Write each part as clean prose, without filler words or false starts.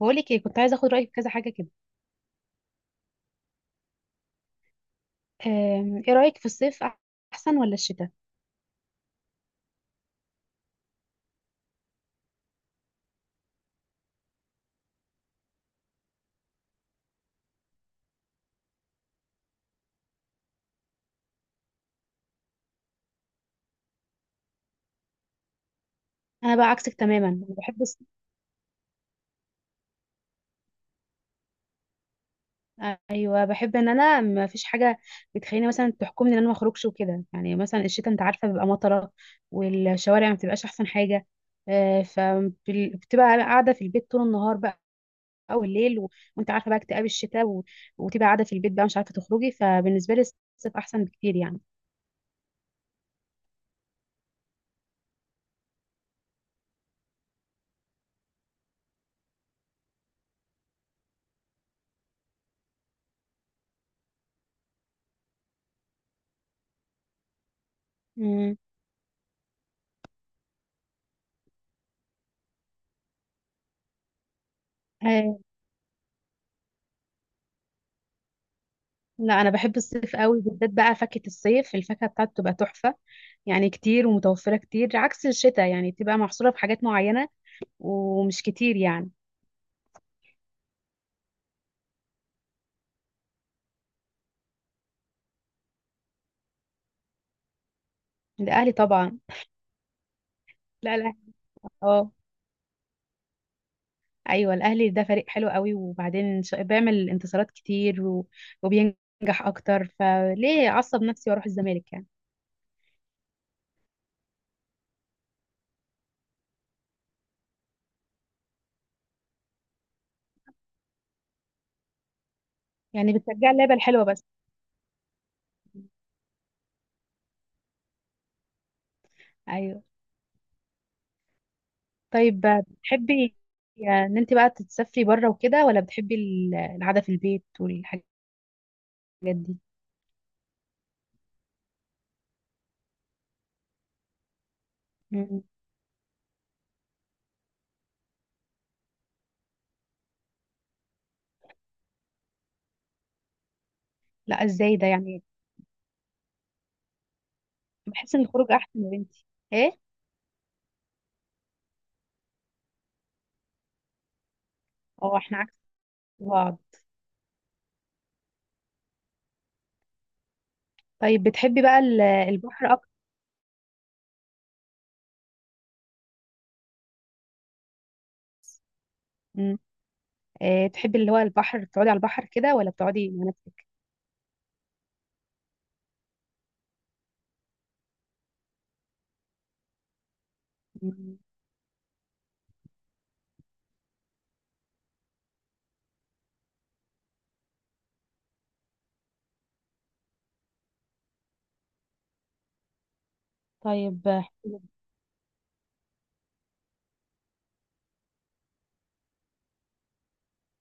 بقولك ايه، كنت عايزه اخد رايك في كذا حاجه كده. ايه رايك في الصيف، احسن ولا الشتاء؟ انا بقى عكسك تماما، ايوه، بحب ان انا ما فيش حاجه بتخليني مثلا تحكمني ان انا ما اخرجش وكده. يعني مثلا الشتاء، انت عارفه بيبقى مطره، والشوارع ما بتبقاش احسن حاجه، فبتبقى قاعده في البيت طول النهار بقى، او الليل وانت عارفه بقى اكتئاب الشتاء وتبقى قاعده في البيت بقى مش عارفه تخرجي، فبالنسبه لي الصيف احسن بكتير يعني. امم. لا انا بحب الصيف قوي، بالذات بقى فاكهة الصيف، الفاكهة بتاعته تبقى تحفة، يعني كتير ومتوفرة كتير عكس الشتاء، يعني تبقى محصورة في حاجات معينة ومش كتير يعني. الاهلي طبعا. لا لا. اه. ايوه الاهلي ده فريق حلو قوي، وبعدين بيعمل انتصارات كتير وبينجح اكتر، فليه اعصب نفسي واروح الزمالك يعني؟ يعني بتشجع اللعبة الحلوة بس. ايوه. طيب، بتحبي يعني ان انت بقى تتسافري بره وكده، ولا بتحبي القعدة في البيت والحاجات دي؟ مم. لا، ازاي ده يعني؟ بحس ان الخروج احسن يا بنتي. ايه؟ اه، احنا عكس بعض. طيب بتحبي بقى البحر اكتر؟ مم. إيه، تحبي اللي هو البحر؟ بتقعدي على البحر كده ولا بتقعدي مع نفسك؟ مم. طيب، حلو.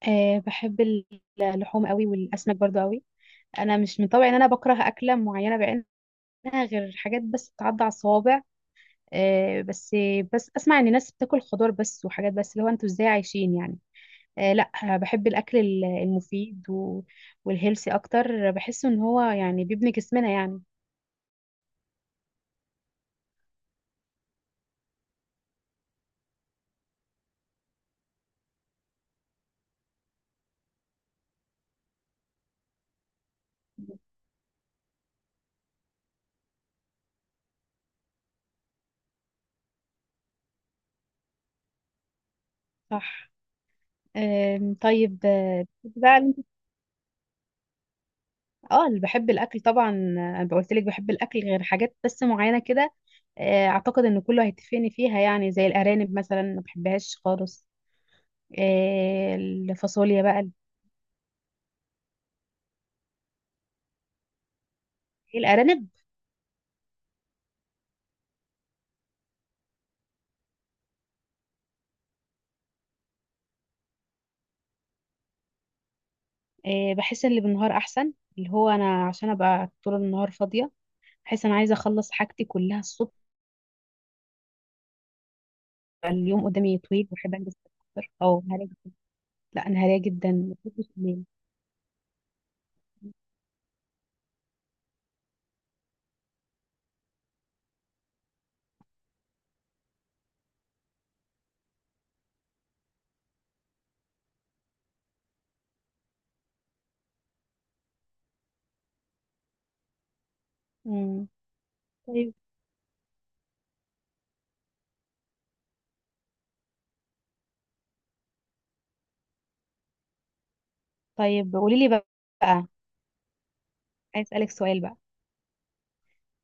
آه بحب ال- اللحوم قوي والاسماك برضو قوي. انا مش من طبعي ان انا بكره اكله معينه بعينها، غير حاجات بس بتعدي على الصوابع، بس. بس اسمع ان ناس بتاكل خضار بس وحاجات بس، اللي هو انتوا ازاي عايشين يعني؟ لا، بحب الاكل المفيد والهيلثي اكتر، بحس ان هو يعني بيبني جسمنا يعني. صح. طيب. بقى اه، اللي بحب الاكل طبعا. انا قلت لك بحب الاكل غير حاجات بس معينه كده. اعتقد ان كله هيتفقني فيها، يعني زي الارانب مثلا ما بحبهاش خالص. الفاصوليا بقى. الارانب. بحس ان اللي بالنهار احسن، اللي هو انا عشان ابقى طول النهار فاضيه، بحس انا عايزه اخلص حاجتي كلها الصبح. اليوم قدامي طويل واحب انجز اكتر، او هراجع. لا انا هراجع جدا، ما بحبش الليل. مم. طيب. طيب قولي لي بقى، عايز اسالك سؤال بقى.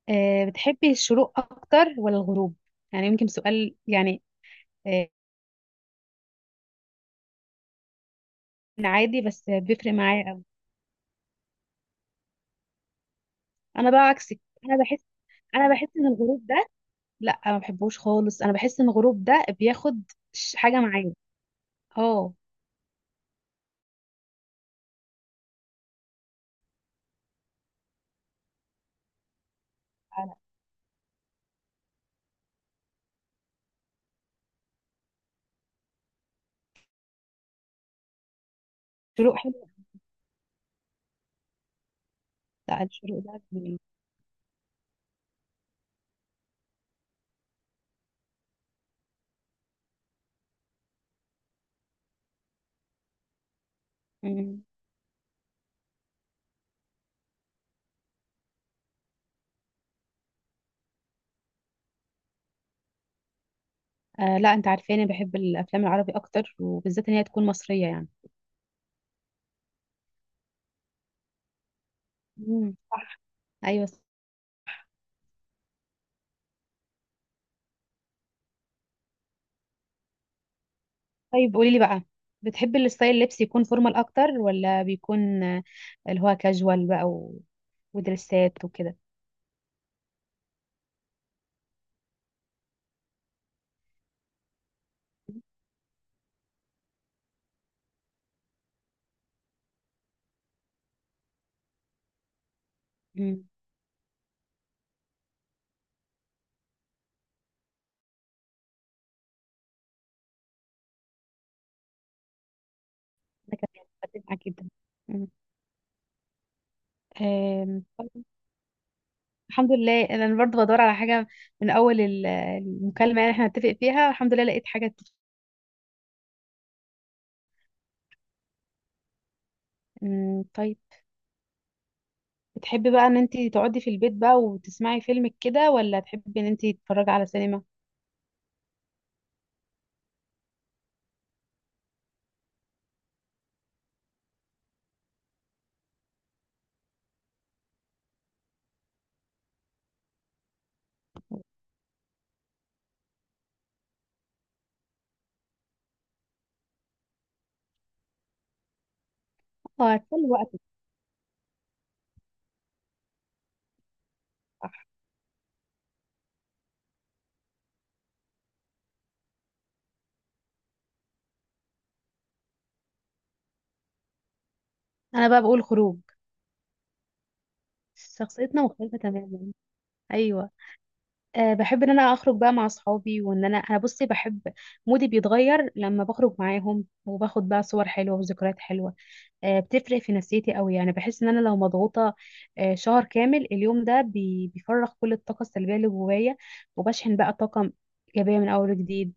بتحبي الشروق اكتر ولا الغروب؟ يعني يمكن سؤال يعني، أه عادي، بس بيفرق معايا قوي. انا بقى عكسك. انا بحس ان الغروب ده، لا ما بحبوش خالص، انا بحس ان الغروب ده بياخد حاجه معايا. اه. لا، الشروق حلو. لا، الشروق ده جميل. مم. لا، انت عارفاني بحب الافلام العربي اكتر، وبالذات ان هي تكون مصريه يعني. مم، صح. ايوه. طيب قولي لي بقى، بتحب الستايل اللبس يكون فورمال اكتر، ولا بيكون اللي هو كاجوال بقى ودريسات وكده؟ مم. ده كمان بتفق معاك جدا. مم. طيب، الحمد لله انا برضه بدور على حاجه من اول المكالمه، يعني احنا نتفق فيها. الحمد لله لقيت حاجه مم، طيب. بتحبي بقى ان انت تقعدي في البيت بقى وتسمعي فيلم كده، ولا تحبي ان انت تتفرجي على سينما؟ اه، هتسلي وقتك. صح. انا بقى بقول خروج. شخصيتنا مختلفة تماما. ايوه. بحب ان انا اخرج بقى مع اصحابي، وان انا بصي بحب مودي بيتغير لما بخرج معاهم، وباخد بقى صور حلوة وذكريات حلوة. بتفرق في نفسيتي قوي، يعني بحس ان انا لو مضغوطة شهر كامل، اليوم ده بيفرغ كل الطاقة السلبية اللي جوايا، وبشحن بقى طاقة ايجابية من اول وجديد.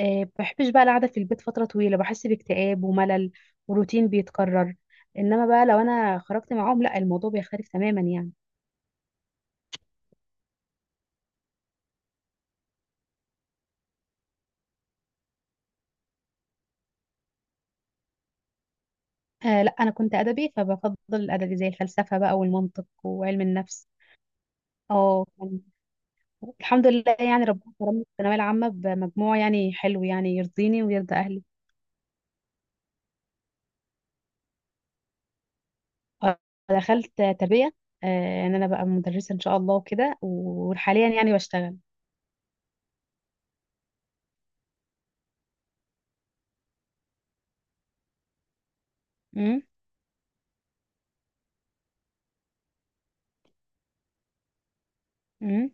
بحبش بقى القعدة في البيت فترة طويلة، بحس باكتئاب وملل وروتين بيتكرر. انما بقى لو انا خرجت معاهم، لا الموضوع بيختلف تماما يعني. لا، انا كنت ادبي، فبفضل الادبي زي الفلسفة بقى والمنطق وعلم النفس. اه. الحمد لله يعني ربنا كرمني في الثانوية العامة بمجموع يعني حلو، يعني يرضيني ويرضى اهلي. آه، دخلت تربية. آه، يعني انا بقى مدرسة ان شاء الله وكده، وحاليا يعني بشتغل. امم. امم.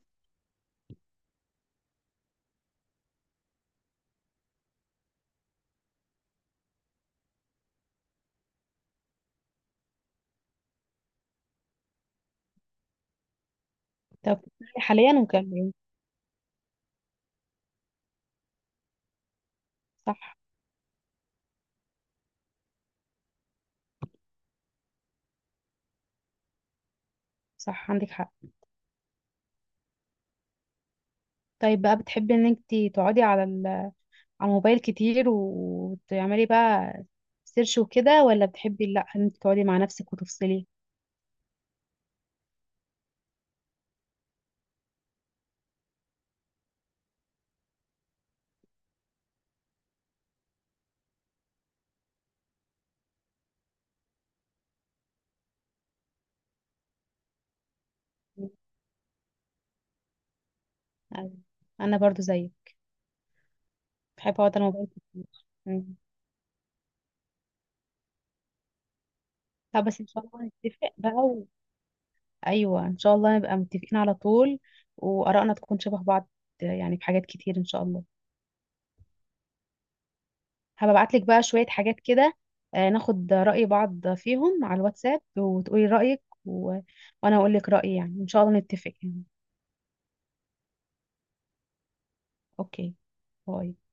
طب حاليا وكان. صح. صح عندك حق. طيب بقى، بتحبي ان انت تقعدي على على الموبايل كتير وتعملي بقى سيرش وكده، ولا بتحبي لا، ان انت تقعدي مع نفسك وتفصلي؟ أيوة. انا برضو زيك، بحب اقعد على الموبايل كتير. مم. طب بس ان شاء الله نتفق بقى ايوه ان شاء الله نبقى متفقين على طول، وارائنا تكون شبه بعض يعني في حاجات كتير ان شاء الله. هبعت لك بقى شوية حاجات كده، ناخد رأي بعض فيهم على الواتساب، وتقولي رأيك وانا اقول لك رأيي، يعني ان شاء الله نتفق يعني. اوكي. باي.